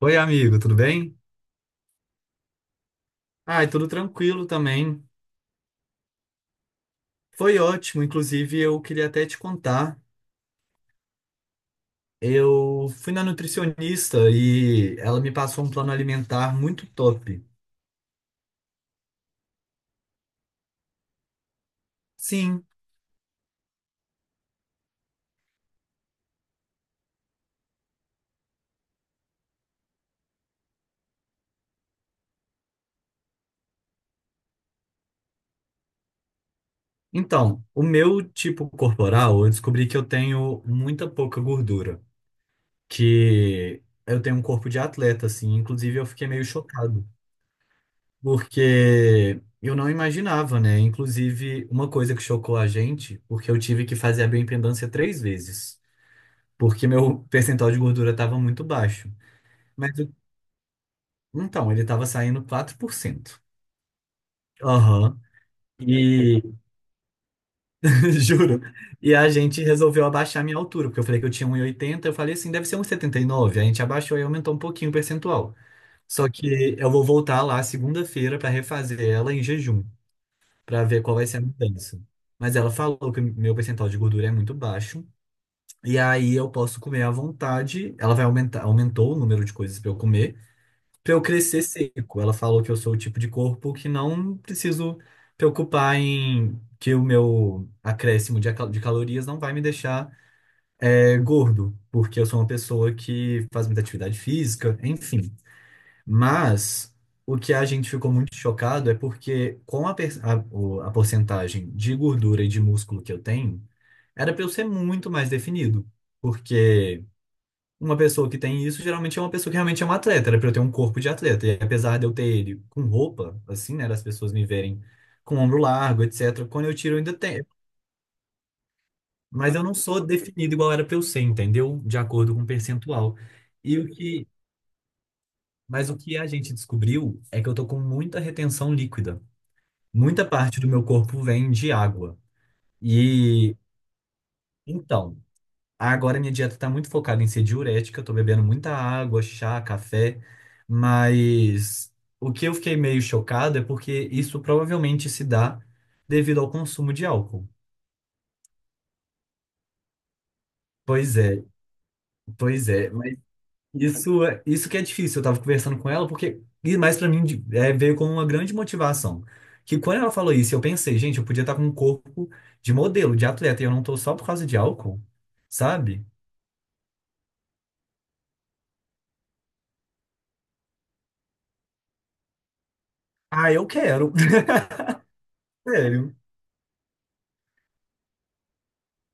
Oi, amigo, tudo bem? Ai, tudo tranquilo também. Foi ótimo, inclusive eu queria até te contar. Eu fui na nutricionista e ela me passou um plano alimentar muito top. Sim, então, o meu tipo corporal, eu descobri que eu tenho muita pouca gordura, que eu tenho um corpo de atleta, assim, inclusive eu fiquei meio chocado, porque eu não imaginava, né? Inclusive, uma coisa que chocou a gente, porque eu tive que fazer a bioimpedância três vezes, porque meu percentual de gordura estava muito baixo. Mas eu- então, ele estava saindo 4%. Aham. E juro. E a gente resolveu abaixar a minha altura, porque eu falei que eu tinha um 1,80, eu falei assim, deve ser um 1,79. A gente abaixou e aumentou um pouquinho o percentual. Só que eu vou voltar lá segunda-feira para refazer ela em jejum, para ver qual vai ser a mudança. Mas ela falou que meu percentual de gordura é muito baixo. E aí eu posso comer à vontade. Ela vai aumentar, aumentou o número de coisas para eu comer. Pra eu crescer seco. Ela falou que eu sou o tipo de corpo que não preciso preocupar em que o meu acréscimo de calorias não vai me deixar gordo, porque eu sou uma pessoa que faz muita atividade física, enfim. Mas o que a gente ficou muito chocado é porque com a, per- a, o- a porcentagem de gordura e de músculo que eu tenho, era para eu ser muito mais definido, porque uma pessoa que tem isso geralmente é uma pessoa que realmente é um atleta, era pra eu ter um corpo de atleta. E apesar de eu ter ele com roupa, assim, né, das pessoas me verem com ombro largo, etc., quando eu tiro eu ainda tenho. Mas eu não sou definido igual era pra eu ser, entendeu? De acordo com o percentual. E o que, mas o que a gente descobriu é que eu tô com muita retenção líquida. Muita parte do meu corpo vem de água. E então, agora minha dieta tá muito focada em ser diurética, eu tô bebendo muita água, chá, café, mas o que eu fiquei meio chocado é porque isso provavelmente se dá devido ao consumo de álcool. Pois é, pois é, mas isso que é difícil. Eu tava conversando com ela porque, e mais pra mim veio como uma grande motivação. Que quando ela falou isso, eu pensei, gente, eu podia estar com um corpo de modelo, de atleta, e eu não tô só por causa de álcool, sabe? Ah, eu quero, sério.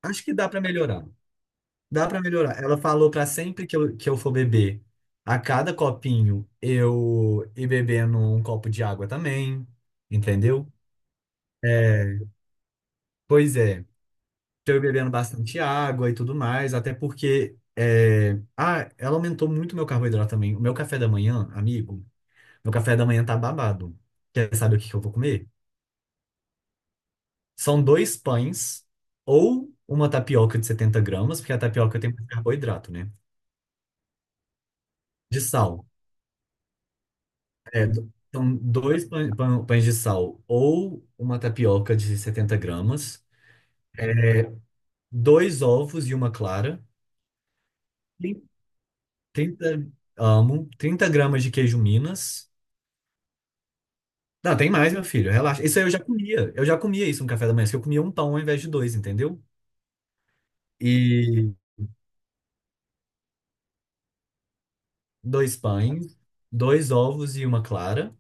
Acho que dá pra melhorar. Dá pra melhorar. Ela falou pra sempre que eu for beber, a cada copinho, eu ir bebendo um copo de água também, entendeu? É, pois é, tô eu bebendo bastante água e tudo mais, até porque ela aumentou muito meu carboidrato também. O meu café da manhã, amigo, meu café da manhã tá babado. Quer saber o que que eu vou comer? São dois pães ou uma tapioca de 70 gramas, porque a tapioca tem mais carboidrato, né? De sal. É, então, dois pães de sal ou uma tapioca de 70 gramas, é, dois ovos e uma clara, 30, amo, 30 gramas de queijo Minas. Não, tem mais, meu filho, relaxa. Isso aí eu já comia. Eu já comia isso no café da manhã, só que eu comia um pão ao invés de dois, entendeu? E dois pães, dois ovos e uma clara,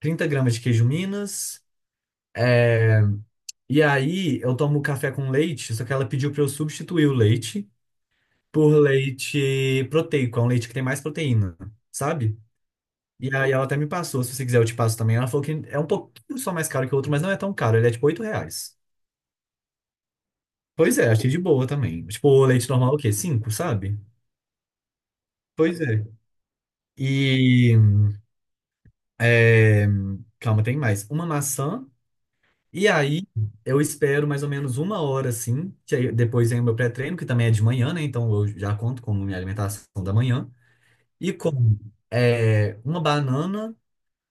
30 gramas de queijo Minas. é, E aí eu tomo café com leite, só que ela pediu para eu substituir o leite por leite proteico, é um leite que tem mais proteína, sabe? E aí ela até me passou, se você quiser eu te passo também. Ela falou que é um pouquinho só mais caro que o outro, mas não é tão caro, ele é tipo R$ 8. Pois é, achei de boa também. Tipo, o leite normal é o quê? Cinco, sabe? Pois é. E... é, Calma, tem mais. Uma maçã, e aí eu espero mais ou menos uma hora, assim, que aí depois vem o meu pré-treino, que também é de manhã, né? Então eu já conto como minha alimentação da manhã. E como uma banana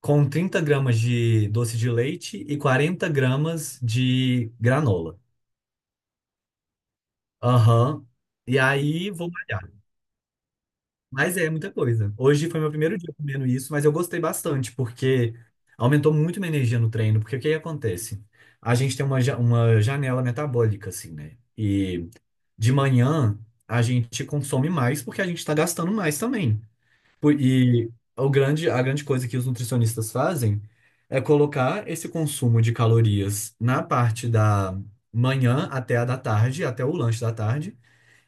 com 30 gramas de doce de leite e 40 gramas de granola. Aham. E aí vou malhar. Mas é muita coisa. Hoje foi meu primeiro dia comendo isso, mas eu gostei bastante, porque aumentou muito minha energia no treino. Porque o que que acontece? A gente tem uma janela metabólica, assim, né? E de manhã a gente consome mais porque a gente tá gastando mais também. E a grande coisa que os nutricionistas fazem é colocar esse consumo de calorias na parte da manhã até a da tarde, até o lanche da tarde,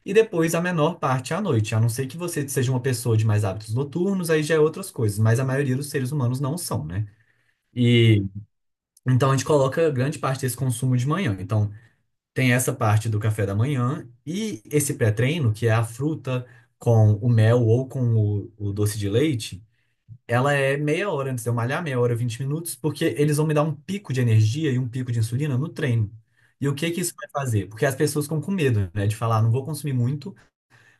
e depois a menor parte à noite. A não ser que você seja uma pessoa de mais hábitos noturnos, aí já é outras coisas, mas a maioria dos seres humanos não são, né? E então a gente coloca grande parte desse consumo de manhã. Então tem essa parte do café da manhã e esse pré-treino, que é a fruta com o mel ou com o doce de leite, ela é meia hora antes de eu malhar, meia hora, 20 minutos, porque eles vão me dar um pico de energia e um pico de insulina no treino. E o que que isso vai fazer? Porque as pessoas ficam com medo, né, de falar, "Ah, não vou consumir muito,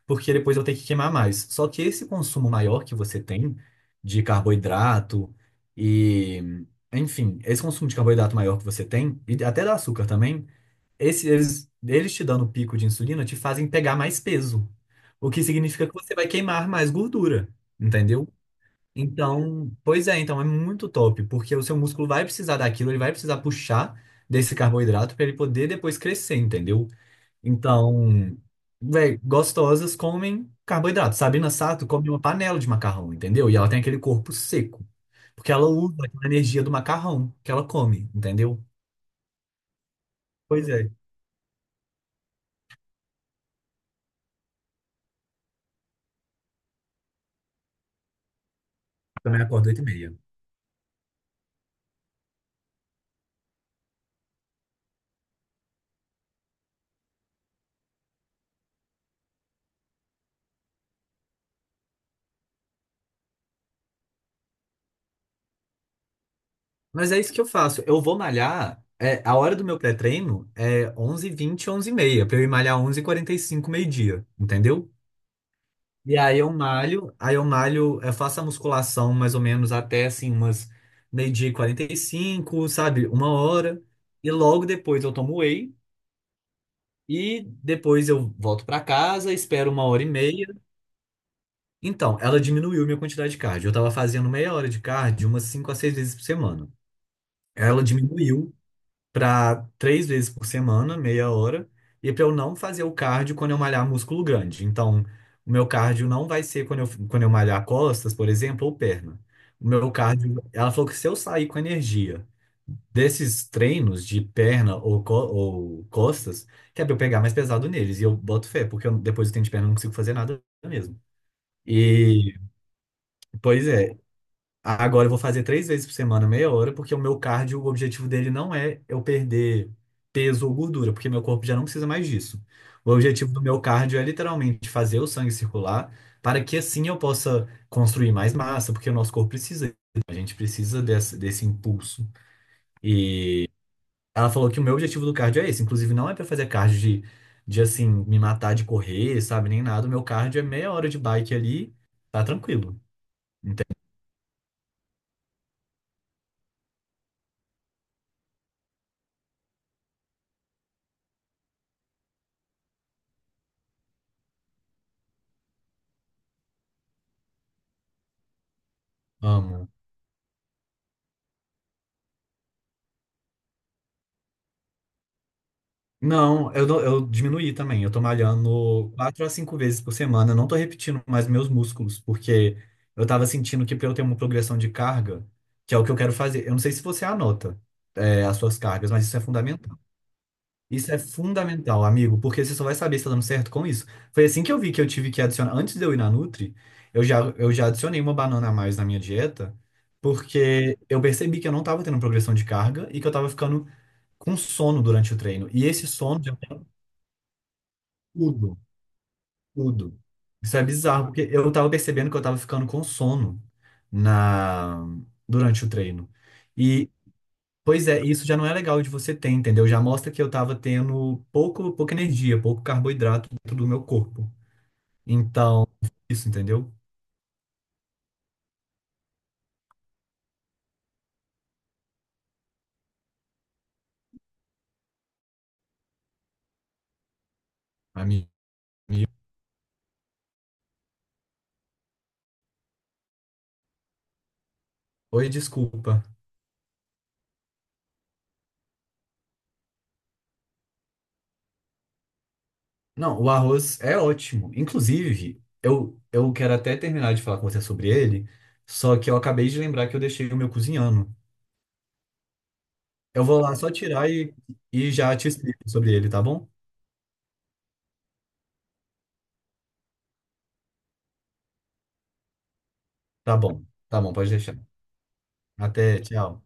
porque depois eu tenho que queimar mais." Só que esse consumo maior que você tem de carboidrato e, enfim, esse consumo de carboidrato maior que você tem, e até do açúcar também, eles te dando o pico de insulina te fazem pegar mais peso, o que significa que você vai queimar mais gordura, entendeu? Então, pois é, então é muito top, porque o seu músculo vai precisar daquilo, ele vai precisar puxar desse carboidrato para ele poder depois crescer, entendeu? Então, véi, gostosas comem carboidrato. Sabina Sato come uma panela de macarrão, entendeu? E ela tem aquele corpo seco, porque ela usa aquela energia do macarrão que ela come, entendeu? Pois é, também acordo 8h30. Mas é isso que eu faço, eu vou malhar, a hora do meu pré-treino é 11h20, 11h30, para eu ir malhar 11h45, meio-dia, entendeu? E aí eu malho, eu faço a musculação mais ou menos até assim umas meio-dia e quarenta e cinco, sabe? Uma hora. E logo depois eu tomo whey e depois eu volto pra casa, espero uma hora e meia. Então, ela diminuiu minha quantidade de cardio. Eu tava fazendo meia hora de cardio umas 5 a 6 vezes por semana. Ela diminuiu para três vezes por semana, meia hora, e para eu não fazer o cardio quando eu malhar músculo grande. Então, o meu cardio não vai ser quando eu, malhar costas, por exemplo, ou perna. O meu cardio, ela falou que se eu sair com energia desses treinos de perna ou costas, que é pra eu pegar mais pesado neles, e eu boto fé, porque depois do treino de perna eu não consigo fazer nada mesmo. E, pois é, agora eu vou fazer três vezes por semana, meia hora, porque o meu cardio, o objetivo dele não é eu perder peso ou gordura, porque meu corpo já não precisa mais disso. O objetivo do meu cardio é literalmente fazer o sangue circular para que assim eu possa construir mais massa, porque o nosso corpo precisa, a gente precisa desse impulso. E ela falou que o meu objetivo do cardio é esse, inclusive não é para fazer cardio de assim, me matar de correr, sabe, nem nada. O meu cardio é meia hora de bike ali, tá tranquilo. Entende? Amo. Não, eu diminuí também. Eu tô malhando quatro a cinco vezes por semana. Eu não tô repetindo mais meus músculos, porque eu tava sentindo que pra eu ter uma progressão de carga, que é o que eu quero fazer. Eu não sei se você anota, as suas cargas, mas isso é fundamental. Isso é fundamental, amigo, porque você só vai saber se tá dando certo com isso. Foi assim que eu vi que eu tive que adicionar. Antes de eu ir na Nutri, eu já adicionei uma banana a mais na minha dieta, porque eu percebi que eu não tava tendo progressão de carga e que eu tava ficando com sono durante o treino. E esse sono tudo, tudo. Isso é bizarro, porque eu tava percebendo que eu tava ficando com sono na durante o treino. E, pois é, isso já não é legal de você ter, entendeu? Já mostra que eu tava tendo pouco, pouca energia, pouco carboidrato dentro do meu corpo. Então, isso, entendeu? Amigo? Oi, desculpa. Não, o arroz é ótimo. Inclusive, eu quero até terminar de falar com você sobre ele, só que eu acabei de lembrar que eu deixei o meu cozinhando. Eu vou lá só tirar e já te explico sobre ele, tá bom? Tá bom, tá bom, pode deixar. Até, tchau.